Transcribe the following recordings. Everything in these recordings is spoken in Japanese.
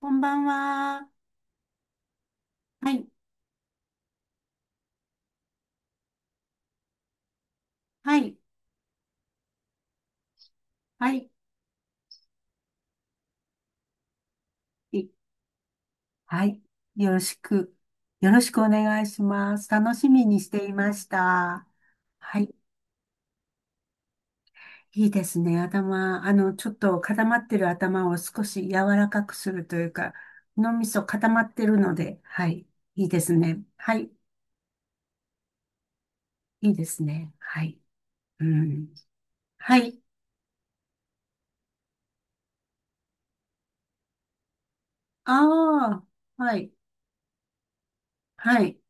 こんばんは。はい、はい、はい。いはい。よろしく。よろしくお願いします。楽しみにしていました。はい。いいですね。頭、ちょっと固まってる頭を少し柔らかくするというか、脳みそ固まってるので、はい。いいですね。はい。いいですね。はい。うん。はい。ああ、はい。はい。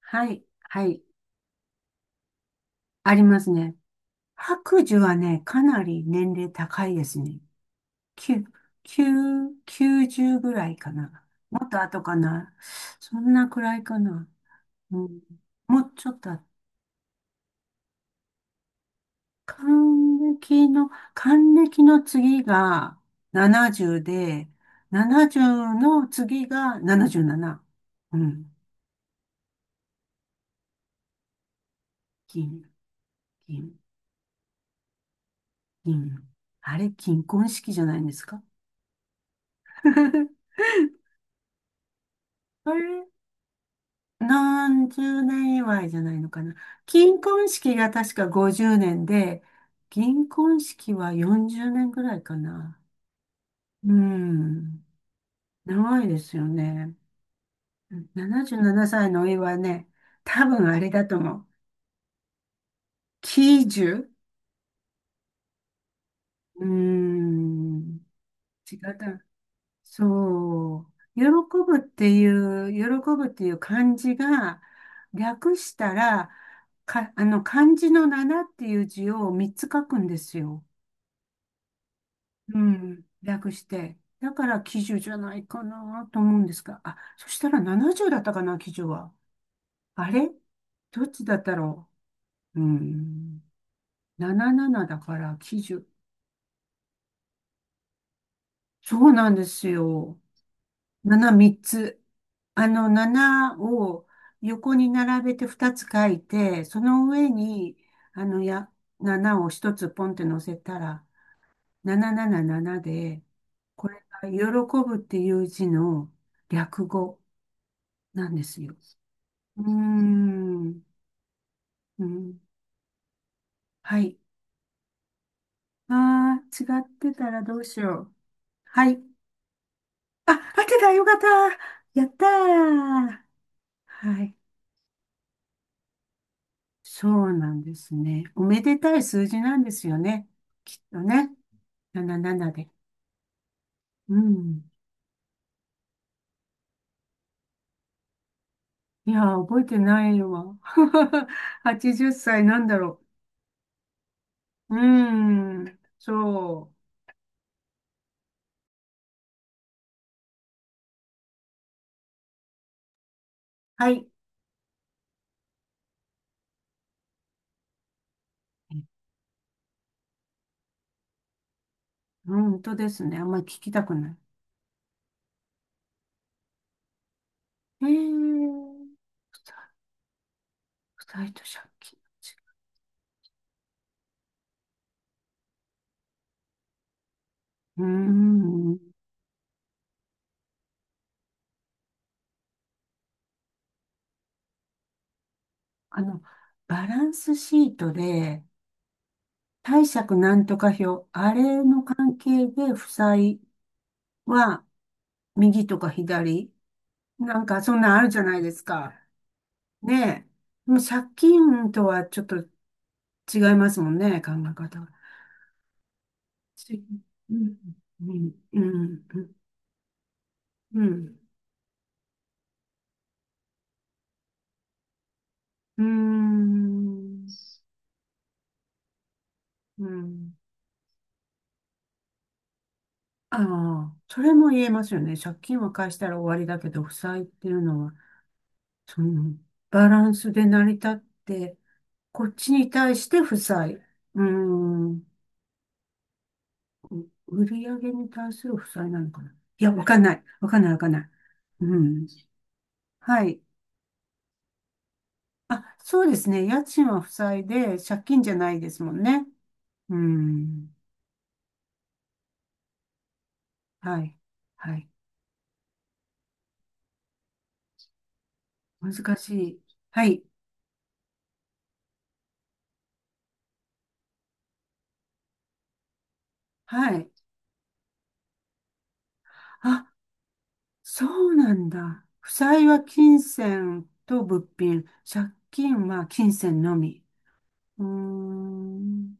はい。はい。ありますね。白寿はね、かなり年齢高いですね。9、9、90ぐらいかな。もっと後かな。そんなくらいかな。うん、もうちょっと後、還暦の、還暦の次が70で、70の次が77。うん。金、金、金。あれ、金婚式じゃないんですか？ あれ、何十年祝いじゃないのかな。金婚式が確か50年で、銀婚式は40年ぐらいかな。うん。長いですよね。77歳のお祝いはね、多分あれだと思う。喜寿。うーん。違った。そう。喜ぶっていう漢字が、略したら、か、あの、漢字の7っていう字を3つ書くんですよ。うん。略して。だから喜寿じゃないかなと思うんですが。あ、そしたら70だったかな、喜寿は。あれ、どっちだったろう。うん。77だから喜寿。そうなんですよ。7、3つ。7を横に並べて2つ書いて、その上に、あの、や、7を1つポンって乗せたら、777で、これが喜ぶっていう字の略語なんですよ。うーん。うん。はい。ああ、違ってたらどうしよう。はい。あ、合ってた。よかった。やったー。はい。そうなんですね。おめでたい数字なんですよね。きっとね。77で。うん。いやー、覚えてないわ。80歳なんだろう。うーん。そう。はい。本当ですね。あんまり聞きたくない。えー、ふた二人と借金の違い。うーん。あの、バランスシートで、貸借なんとか表、あれの関係で負債は右とか左、なんかそんなんあるじゃないですか。ねえ。でも借金とはちょっと違いますもんね、考え方が。ちうん、うん、うん、うん、うん、うん。ああ、それも言えますよね。借金は返したら終わりだけど、負債っていうのは、その、バランスで成り立って、こっちに対して負債。ーん、売り上げに対する負債なのかな。いや、わかんない。わかんない、わかんない。うん。はい。あ、そうですね。家賃は負債で、借金じゃないですもんね。うん。はい。はい。難しい。はい。はい。あ、そうなんだ。負債は金銭と物品。借金は金銭のみ。うーん。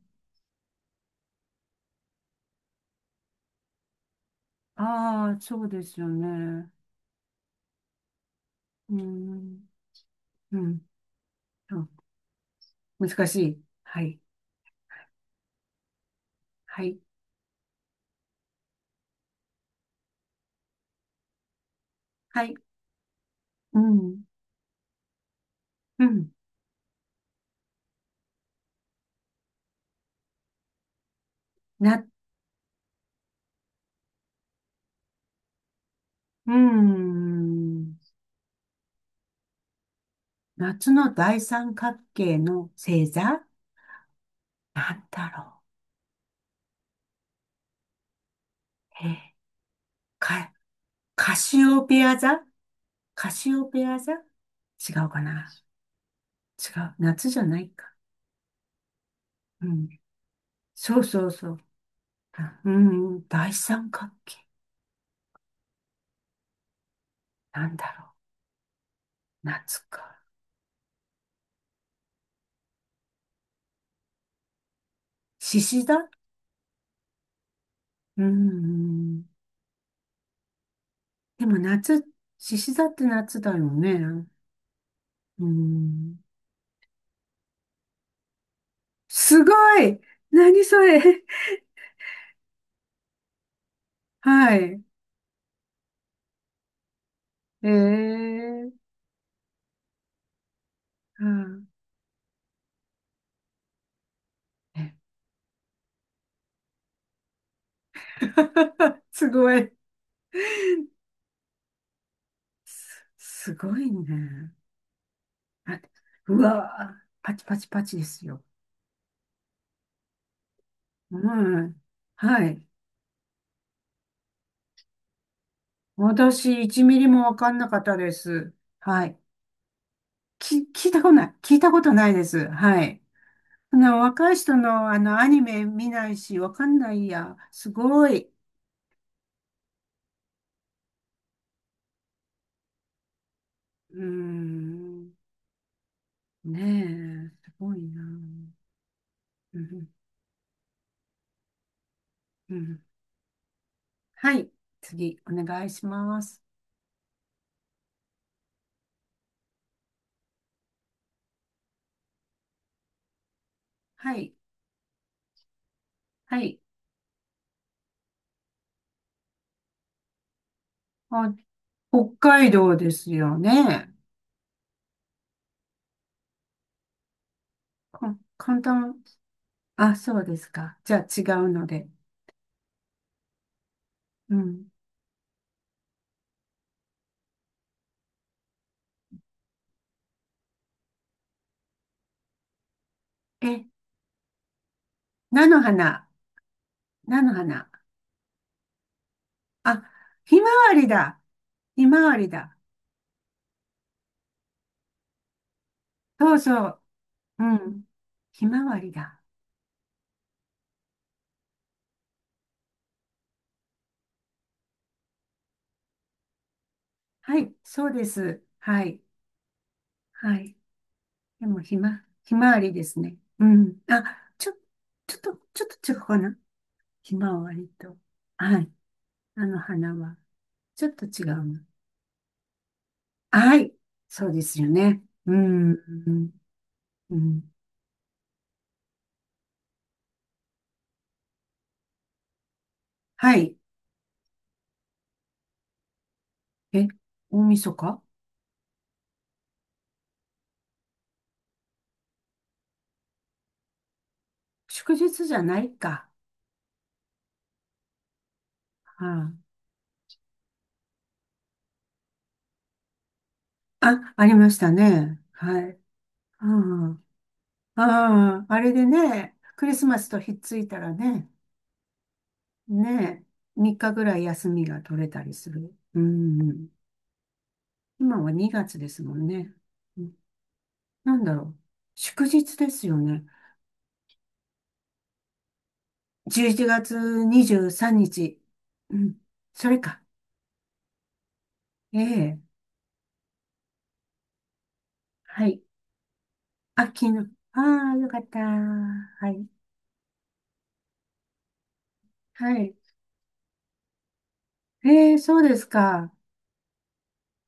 ああ、そうですよね。うーん。うん。そう、難しい。はい。はい。はい。うん。うん。うーん。夏の大三角形の星座、なんだろう。えー、か、カシオペア座カシオペア座。違うかな。違う。夏じゃないか。うん。そうそうそう。うん、大三角形。なんだろう。夏か。獅子座。うん。でも夏、獅子座って夏だよね。うん。すごい。何それ？ はい。ええー、うん。 すごい。すごいね。あうわー、パチパチパチですよ。うん。はい。私、1ミリもわかんなかったです。はい。聞いたことない。聞いたことないです。はい。若い人の、アニメ見ないし、わかんないや。すごい。うーん。ねえ、すごいな。うん、うん。はい。次、お願いします。はい。はい。お北海道ですよね。簡単。あ、そうですか。じゃあ違うので。うん。え、菜の花。菜の花。あ、ひまわりだ。ひまわりだ。そうそう。うん。ひまわりだ。はい、そうです。はい。はい。でも、ひまわりですね。うん。あ、ちょっと違うかな。ひまわりと。はい。あの花は。ちょっと違うの。はい。そうですよね。うん。うん。はい。え、大晦日。祝日じゃないか。はあ、あ、ありましたね。はい。あああ、あれでね、クリスマスとひっついたらね、3日ぐらい休みが取れたりする。うん。今は2月ですもんね。うん、なんだろう。祝日ですよね。11月23日。うん。それか。ええ。はい。あ、昨日。ああ、よかった。はい。はい。そうですか。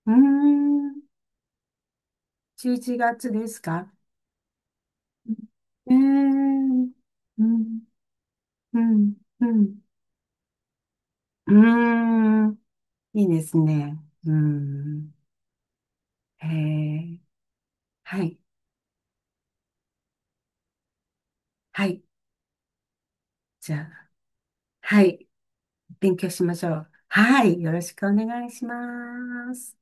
うーん。11月ですか？ええー、うん、うん、うん。うーん。いいですね。うーん。えー、はい。はい。じゃあ、はい。勉強しましょう。はい。よろしくお願いします。